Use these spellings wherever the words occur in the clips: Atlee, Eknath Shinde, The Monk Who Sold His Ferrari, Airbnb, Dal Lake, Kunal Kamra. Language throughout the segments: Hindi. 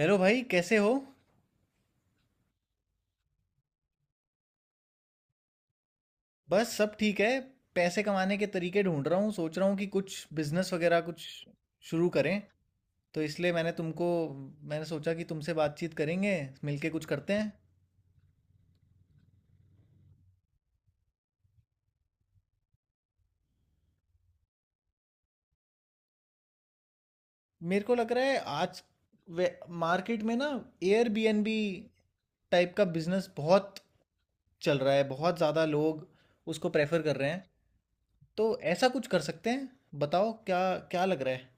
हेलो भाई, कैसे हो? बस सब ठीक है। पैसे कमाने के तरीके ढूंढ रहा हूँ। सोच रहा हूँ कि कुछ बिजनेस वगैरह कुछ शुरू करें, तो इसलिए मैंने सोचा कि तुमसे बातचीत करेंगे, मिलके कुछ करते हैं। मेरे को लग रहा है आज वे- मार्केट में ना, एयरबीएनबी टाइप का बिजनेस बहुत चल रहा है। बहुत ज़्यादा लोग उसको प्रेफर कर रहे हैं, तो ऐसा कुछ कर सकते हैं। बताओ, क्या क्या लग रहा है?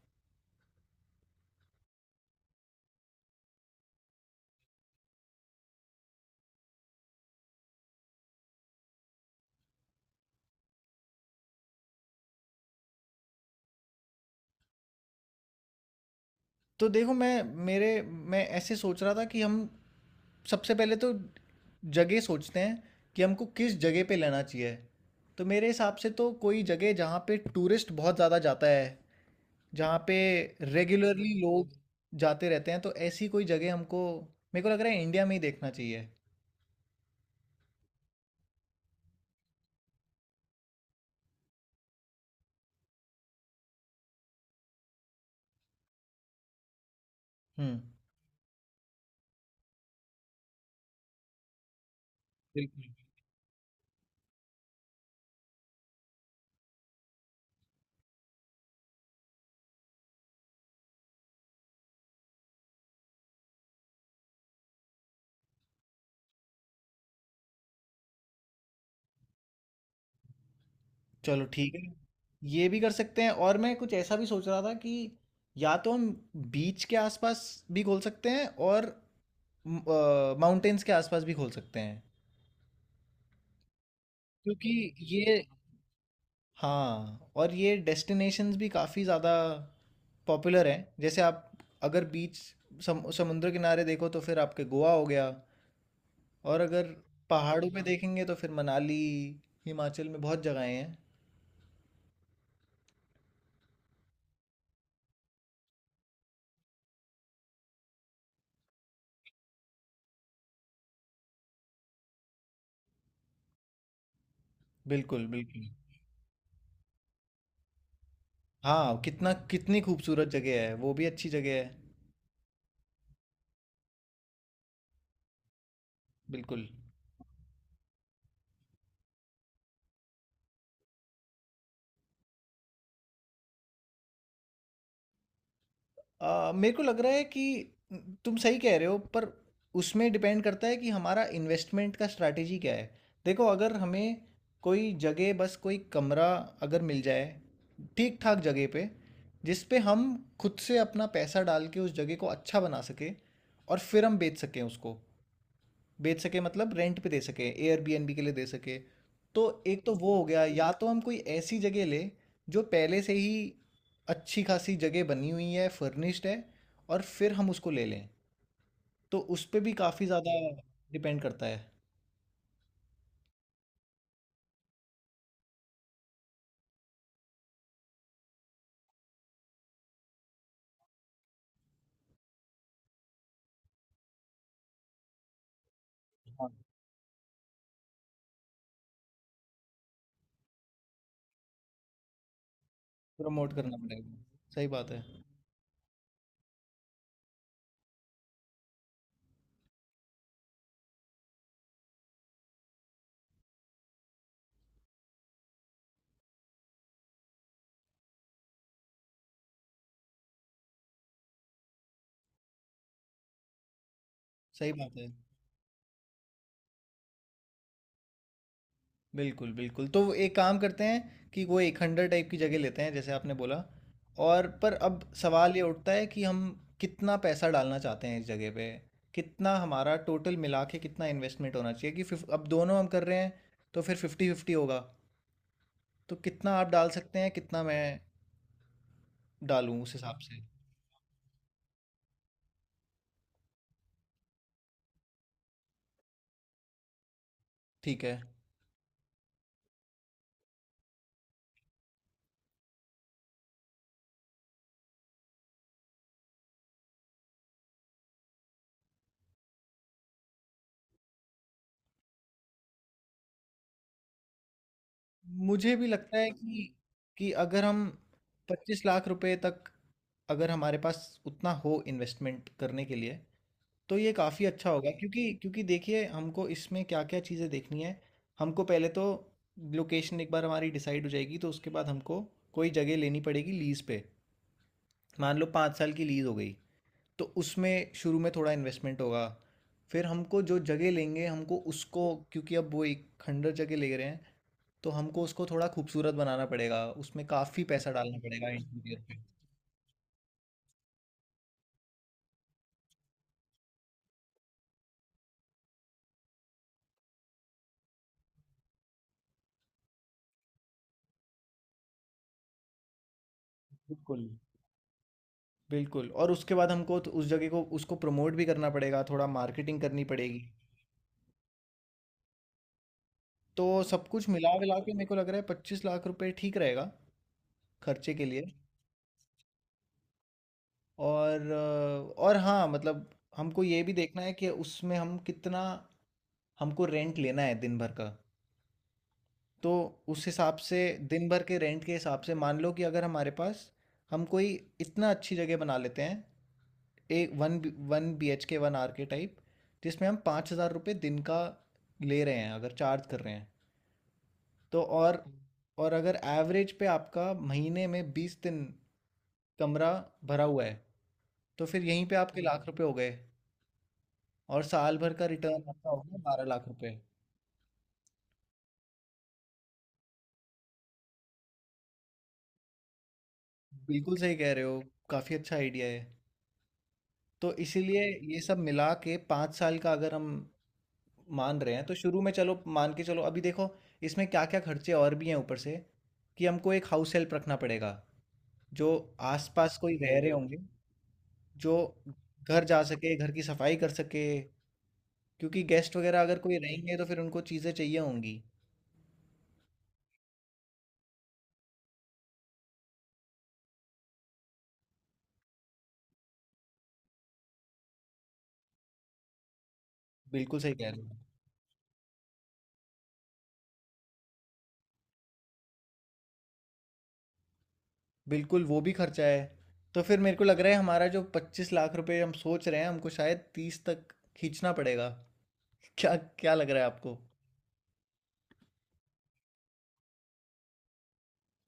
तो देखो, मैं ऐसे सोच रहा था कि हम सबसे पहले तो जगह सोचते हैं कि हमको किस जगह पे लेना चाहिए। तो मेरे हिसाब से तो कोई जगह जहाँ पे टूरिस्ट बहुत ज़्यादा जाता है, जहाँ पे रेगुलरली लोग जाते रहते हैं, तो ऐसी कोई जगह हमको, मेरे को लग रहा है, इंडिया में ही देखना चाहिए। हम्म। बिल्कुल। चलो ठीक है। ये भी कर सकते हैं, और मैं कुछ ऐसा भी सोच रहा था कि या तो हम बीच के आसपास भी खोल सकते हैं और माउंटेन्स के आसपास भी खोल सकते हैं, क्योंकि ये, हाँ, और ये डेस्टिनेशंस भी काफ़ी ज़्यादा पॉपुलर हैं। जैसे आप अगर बीच, समुद्र किनारे देखो, तो फिर आपके गोवा हो गया। और अगर पहाड़ों पे देखेंगे तो फिर मनाली, हिमाचल में बहुत जगहें हैं। बिल्कुल, बिल्कुल। हाँ, कितना कितनी खूबसूरत जगह है, वो भी अच्छी जगह है। बिल्कुल। मेरे को लग रहा है कि तुम सही कह रहे हो, पर उसमें डिपेंड करता है कि हमारा इन्वेस्टमेंट का स्ट्रैटेजी क्या है। देखो, अगर हमें कोई जगह, बस कोई कमरा अगर मिल जाए ठीक ठाक जगह पे, जिस पे हम खुद से अपना पैसा डाल के उस जगह को अच्छा बना सके, और फिर हम बेच सकें उसको, बेच सके मतलब रेंट पे दे सके, एयरबीएनबी के लिए दे सके, तो एक तो वो हो गया। या तो हम कोई ऐसी जगह ले जो पहले से ही अच्छी खासी जगह बनी हुई है, फर्निश्ड है, और फिर हम उसको ले लें, तो उस पे भी काफ़ी ज़्यादा डिपेंड करता है। हाँ। प्रमोट करना पड़ेगा। सही बात है। सही बात है। बिल्कुल, बिल्कुल। तो एक काम करते हैं कि वो एक खंडहर टाइप की जगह लेते हैं जैसे आपने बोला। और पर अब सवाल ये उठता है कि हम कितना पैसा डालना चाहते हैं इस जगह पे? कितना हमारा टोटल मिला के कितना इन्वेस्टमेंट होना चाहिए? कि फ़िफ़ अब दोनों हम कर रहे हैं तो फिर 50-50 होगा। तो कितना आप डाल सकते हैं, कितना मैं डालूँ उस हिसाब से? ठीक है। मुझे भी लगता है कि अगर हम 25 लाख रुपए तक, अगर हमारे पास उतना हो इन्वेस्टमेंट करने के लिए, तो ये काफ़ी अच्छा होगा, क्योंकि क्योंकि देखिए, हमको इसमें क्या क्या चीज़ें देखनी है। हमको पहले तो लोकेशन एक बार हमारी डिसाइड हो जाएगी, तो उसके बाद हमको कोई जगह लेनी पड़ेगी लीज़ पे। मान लो 5 साल की लीज़ हो गई, तो उसमें शुरू में थोड़ा इन्वेस्टमेंट होगा। फिर हमको जो जगह लेंगे, हमको उसको, क्योंकि अब वो एक खंडर जगह ले रहे हैं, तो हमको उसको थोड़ा खूबसूरत बनाना पड़ेगा, उसमें काफ़ी पैसा डालना पड़ेगा इंटीरियर पे। बिल्कुल, बिल्कुल। और उसके बाद हमको तो उस जगह को, उसको प्रमोट भी करना पड़ेगा, थोड़ा मार्केटिंग करनी पड़ेगी। तो सब कुछ मिला विला के मेरे को लग रहा है 25 लाख रुपए ठीक रहेगा खर्चे के लिए। और और हाँ मतलब, हमको ये भी देखना है कि उसमें हम कितना, हमको रेंट लेना है दिन भर का। तो उस हिसाब से, दिन भर के रेंट के हिसाब से, मान लो कि अगर हमारे पास, हम कोई इतना अच्छी जगह बना लेते हैं, एक one one B H K, one R K type, जिसमें हम 5,000 रुपये दिन का ले रहे हैं, अगर चार्ज कर रहे हैं, तो और अगर एवरेज पे आपका महीने में 20 दिन कमरा भरा हुआ है, तो फिर यहीं पे आपके लाख रुपए हो गए। और साल भर का रिटर्न आपका होगा 12 लाख रुपए। बिल्कुल सही कह रहे हो। काफ़ी अच्छा आइडिया है। तो इसीलिए ये सब मिला के 5 साल का अगर हम मान रहे हैं, तो शुरू में, चलो मान के चलो, अभी देखो इसमें क्या क्या खर्चे और भी हैं ऊपर से, कि हमको एक हाउस हेल्प रखना पड़ेगा जो आसपास कोई रह रहे होंगे, जो घर जा सके, घर की सफाई कर सके, क्योंकि गेस्ट वगैरह अगर कोई रहेंगे तो फिर उनको चीज़ें चाहिए होंगी। बिल्कुल सही कह रहे हो। बिल्कुल, वो भी खर्चा है। तो फिर मेरे को लग रहा है हमारा जो 25 लाख रुपए हम सोच रहे हैं, हमको शायद 30 तक खींचना पड़ेगा। क्या क्या लग रहा है आपको?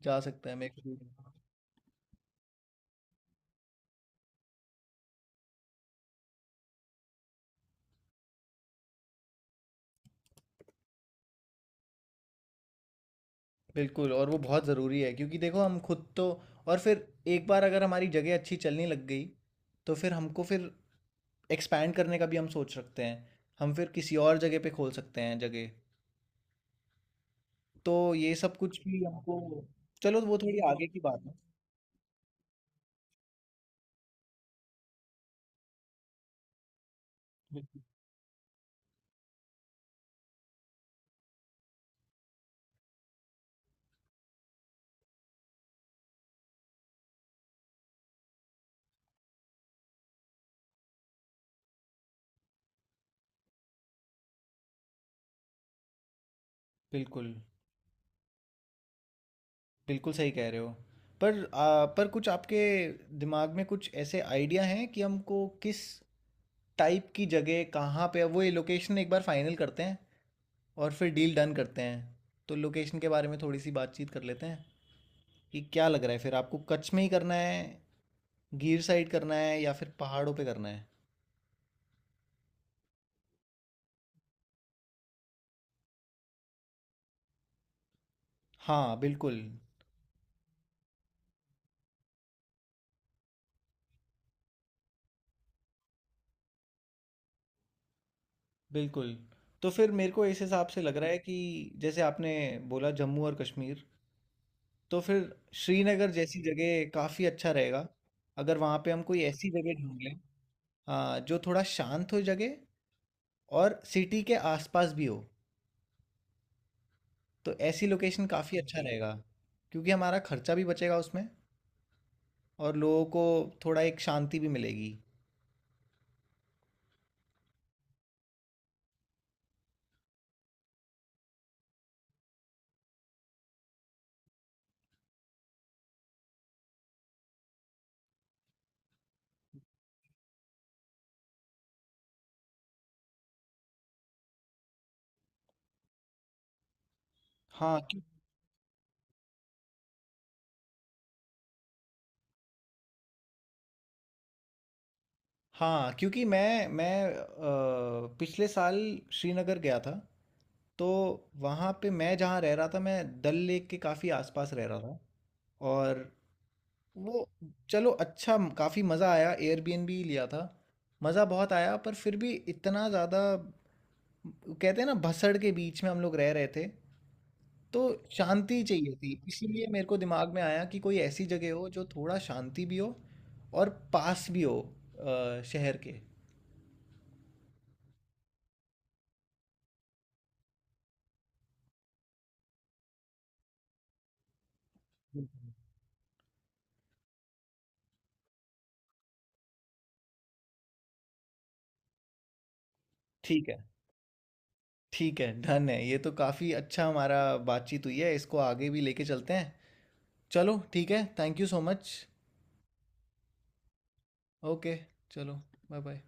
जा सकता है मेरे को। बिल्कुल, और वो बहुत ज़रूरी है, क्योंकि देखो हम खुद तो, और फिर एक बार अगर हमारी जगह अच्छी चलने लग गई, तो फिर हमको, फिर एक्सपैंड करने का भी हम सोच सकते हैं। हम फिर किसी और जगह पे खोल सकते हैं जगह। तो ये सब कुछ भी हमको, चलो वो थोड़ी आगे की बात है। बिल्कुल। बिल्कुल। बिल्कुल सही कह रहे हो। पर पर कुछ आपके दिमाग में कुछ ऐसे आइडिया हैं कि हमको किस टाइप की जगह, कहाँ पे, वो ये लोकेशन एक बार फाइनल करते हैं और फिर डील डन करते हैं। तो लोकेशन के बारे में थोड़ी सी बातचीत कर लेते हैं कि क्या लग रहा है फिर आपको? कच्छ में ही करना है, गिर साइड करना है, या फिर पहाड़ों पे करना है? हाँ, बिल्कुल। बिल्कुल। तो फिर मेरे को इस हिसाब से लग रहा है कि जैसे आपने बोला जम्मू और कश्मीर, तो फिर श्रीनगर जैसी जगह काफ़ी अच्छा रहेगा। अगर वहाँ पे हम कोई ऐसी जगह ढूँढ लें, हाँ, जो थोड़ा शांत हो जगह, और सिटी के आसपास भी हो, तो ऐसी लोकेशन काफ़ी अच्छा रहेगा। क्योंकि हमारा खर्चा भी बचेगा उसमें, और लोगों को थोड़ा एक शांति भी मिलेगी। हाँ। हाँ, क्योंकि मैं पिछले साल श्रीनगर गया था। तो वहाँ पे मैं जहाँ रह रहा था, मैं डल लेक के काफ़ी आसपास रह रहा था। और वो, चलो अच्छा, काफ़ी मज़ा आया, एयरबीएनबी लिया था। मज़ा बहुत आया, पर फिर भी इतना ज़्यादा, कहते हैं ना, भसड़ के बीच में हम लोग रह रहे थे। तो शांति चाहिए थी, इसीलिए मेरे को दिमाग में आया कि कोई ऐसी जगह हो जो थोड़ा शांति भी हो और पास भी हो शहर के। ठीक है, ठीक है, डन है। ये तो काफ़ी अच्छा हमारा बातचीत हुई है, इसको आगे भी लेके चलते हैं। चलो ठीक है, thank you so much. Okay, चलो बाय-बाय।